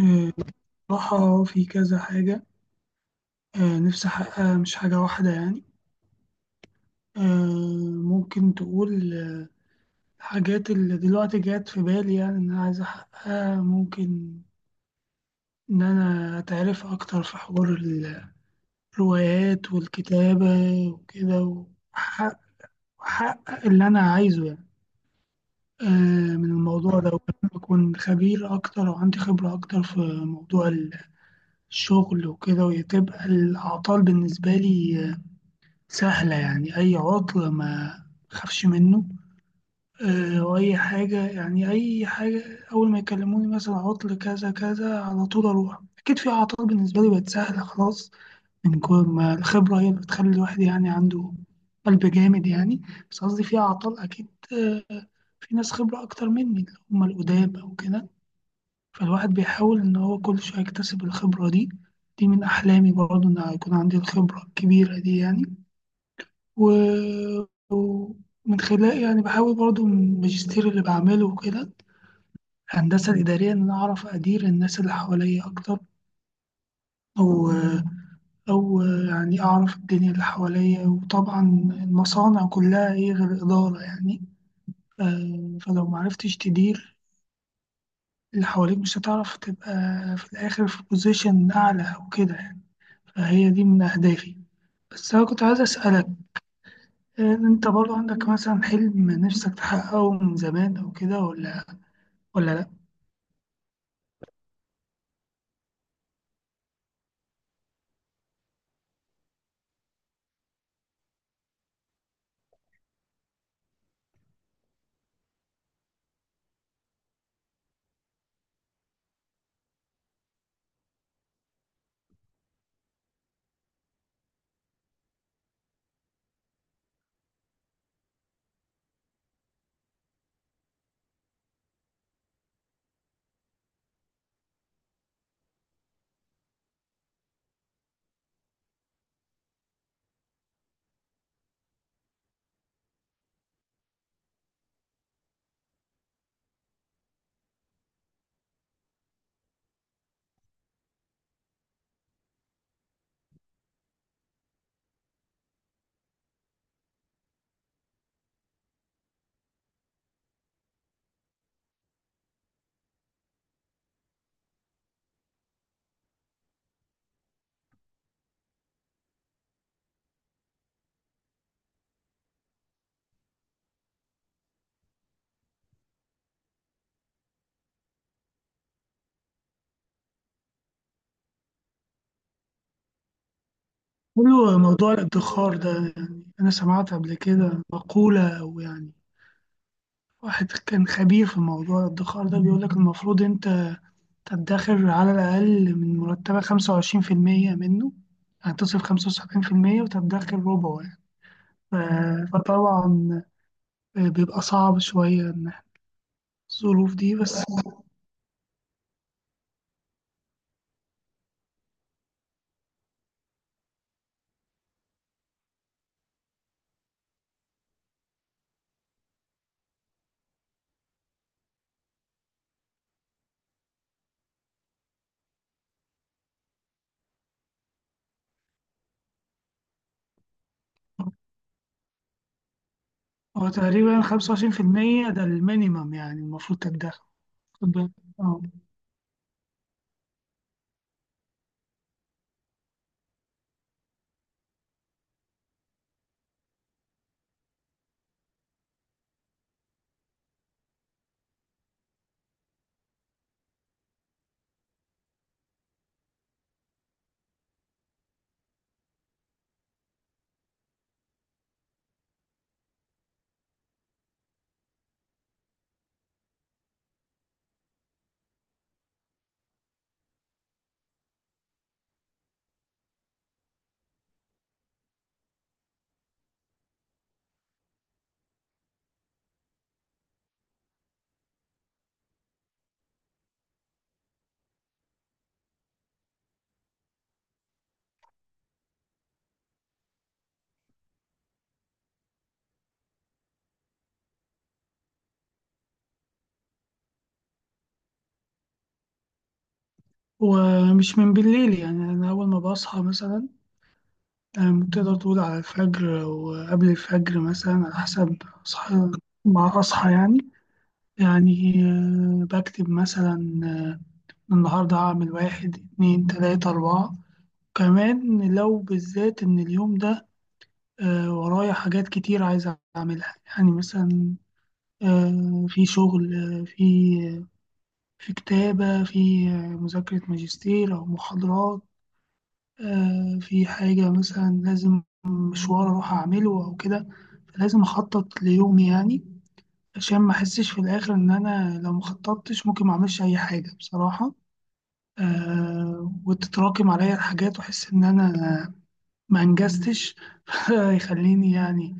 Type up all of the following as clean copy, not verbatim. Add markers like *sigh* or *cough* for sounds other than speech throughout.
آه، بصراحة في كذا حاجة. نفسي أحققها، مش حاجة واحدة يعني. ممكن تقول الحاجات اللي دلوقتي جات في بالي، يعني إن أنا عايز أحققها. ممكن إن أنا أتعرف أكتر في حوار الروايات والكتابة وكده، وأحقق وأحقق اللي أنا عايزه يعني. من الموضوع ده، وكمان أكون خبير أكتر وعندي خبرة أكتر في موضوع الشغل وكده، وتبقى الأعطال بالنسبة لي سهلة يعني. أي عطل ما خافش منه. وأي حاجة، يعني أي حاجة أول ما يكلموني مثلا عطل كذا كذا على طول أروح. أكيد في أعطال بالنسبة لي بقت سهلة خلاص، من كل ما الخبرة هي اللي بتخلي الواحد يعني عنده قلب جامد يعني. بس قصدي في أعطال أكيد. آه، في ناس خبرة أكتر مني اللي هم القدام أو كده. فالواحد بيحاول إن هو كل شوية يكتسب الخبرة دي. دي من أحلامي برضه، إن يكون عندي الخبرة الكبيرة دي يعني. و- ومن خلال، يعني بحاول برضو من الماجستير اللي بعمله وكده، الهندسة الإدارية، إن أنا أعرف أدير الناس اللي حواليا أكتر، أو أو يعني أعرف الدنيا اللي حواليا. وطبعا المصانع كلها إيه غير الإدارة يعني. فلو معرفتش تدير اللي حواليك مش هتعرف تبقى في الآخر في بوزيشن أعلى أو كده يعني. فهي دي من أهدافي. بس أنا كنت عايز أسألك، أنت برضو عندك مثلا حلم نفسك تحققه من زمان أو كده، ولا لأ؟ حلو موضوع الادخار ده يعني. أنا سمعت قبل كده مقولة، أو يعني واحد كان خبير في موضوع الادخار ده بيقول لك المفروض أنت تدخر على الأقل من مرتبك 25% منه، يعني تصرف 75% وتدخر ربعه يعني. فطبعا بيبقى صعب شوية إن إحنا الظروف دي. بس هو تقريبا 25% ده المينيمم، يعني المفروض تدخر. خد بالك. آه. ومش من بالليل يعني، أنا أول ما بصحى مثلا، يعني تقدر تقول على الفجر أو قبل الفجر مثلا على حسب أصحى، مع أصحى يعني. يعني بكتب مثلا آه، النهاردة هعمل واحد اتنين تلاتة أربعة. كمان لو بالذات إن اليوم ده ورايا حاجات كتير عايز أعملها، يعني مثلا في شغل، آه، في آه، في كتابة، في مذاكرة ماجستير أو محاضرات، في حاجة مثلا لازم مشوار أروح أعمله أو كده. فلازم أخطط ليومي يعني، عشان ما أحسش في الآخر إن أنا لو ما خططتش ممكن ما أعملش أي حاجة بصراحة. وتتراكم عليا الحاجات وأحس إن أنا ما أنجزتش. *laughs* يخليني يعني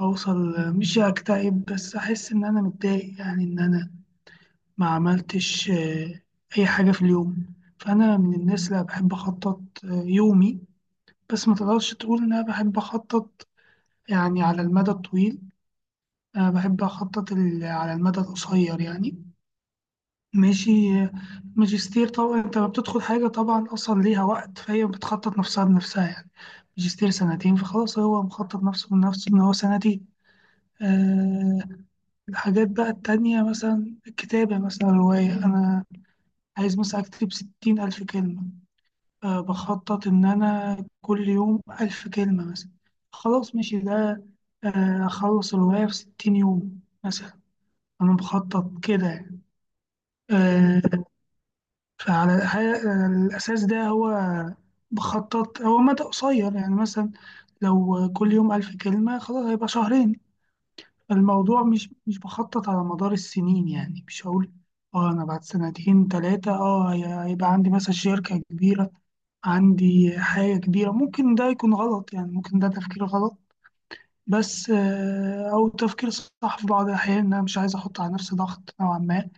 أوصل، مش أكتئب بس أحس إن أنا متضايق، يعني إن أنا ما عملتش أي حاجة في اليوم. فأنا من الناس اللي بحب أخطط يومي. بس ما تقدرش تقول إن أنا بحب أخطط يعني على المدى الطويل. أنا بحب أخطط على المدى القصير يعني. ماشي. ماجستير طبعا أنت لما بتدخل حاجة طبعا أصلا ليها وقت، فهي بتخطط نفسها بنفسها يعني. ماجستير سنتين، فخلاص هو مخطط نفسه بنفسه إن هو سنتين. أه. الحاجات بقى التانية مثلا الكتابة، مثلا رواية أنا عايز مثلا أكتب 60,000 كلمة. بخطط إن أنا كل يوم 1,000 كلمة مثلا. خلاص ماشي ده، أخلص الرواية في 60 يوم مثلا. أنا بخطط كده يعني. آه، فعلى الأساس ده، هو بخطط هو مدى قصير يعني، مثلا لو كل يوم 1,000 كلمة خلاص هيبقى شهرين. الموضوع مش بخطط على مدار السنين يعني. مش هقول اه انا بعد سنتين تلاتة هيبقى عندي مثلا شركة كبيرة، عندي حاجة كبيرة. ممكن ده يكون غلط، يعني ممكن ده تفكير غلط. بس أو تفكير صح في بعض الأحيان، إن أنا مش عايز أحط على نفسي ضغط نوعا ما.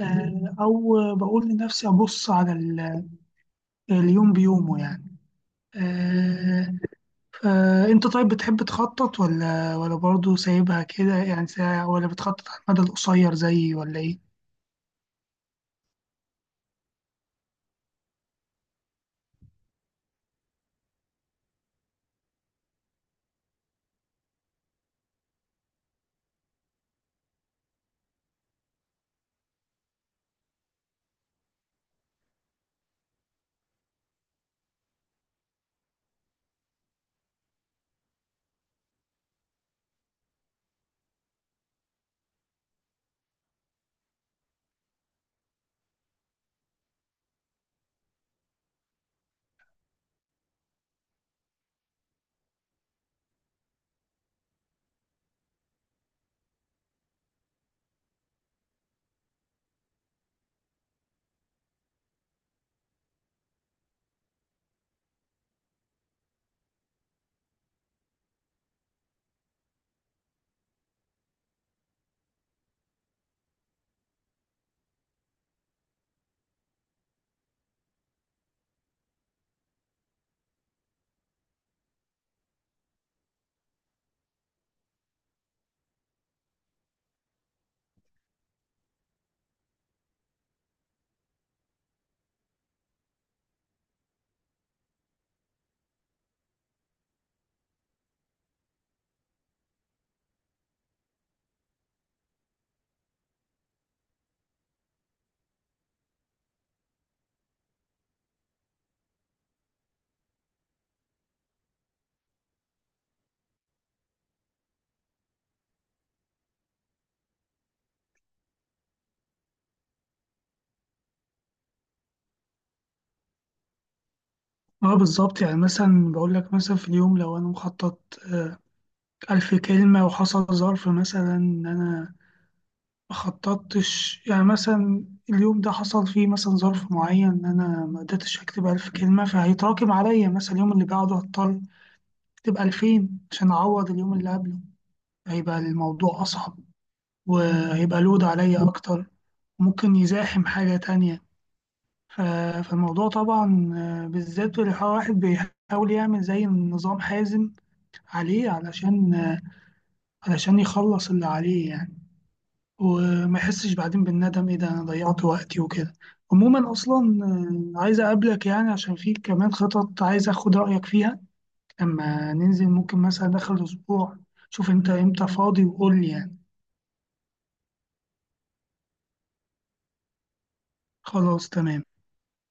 أو بقول لنفسي أبص على اليوم بيومه يعني. آه، انت طيب بتحب تخطط ولا برضه سايبها كده، يعني ولا بتخطط على المدى القصير زيي ولا ايه؟ اه بالظبط. يعني مثلا بقول لك مثلا في اليوم لو انا مخطط آه، 1,000 كلمة وحصل ظرف، مثلا ان انا ما خططتش يعني. مثلا اليوم ده حصل فيه مثلا ظرف معين ان انا ما قدرتش اكتب 1,000 كلمة، فهيتراكم عليا مثلا اليوم اللي بعده. هضطر اكتب 2000 عشان اعوض اليوم اللي قبله، هيبقى الموضوع اصعب وهيبقى لود عليا اكتر. ممكن يزاحم حاجة تانية. ف- فالموضوع طبعا بالذات لو واحد بيحاول يعمل زي نظام حازم عليه، علشان علشان يخلص اللي عليه يعني، وما يحسش بعدين بالندم ايه ده انا ضيعت وقتي وكده. عموما اصلا عايز اقابلك يعني عشان في كمان خطط عايز اخد رأيك فيها. لما ننزل ممكن مثلا داخل اسبوع، شوف انت امتى فاضي وقول لي يعني. خلاص تمام.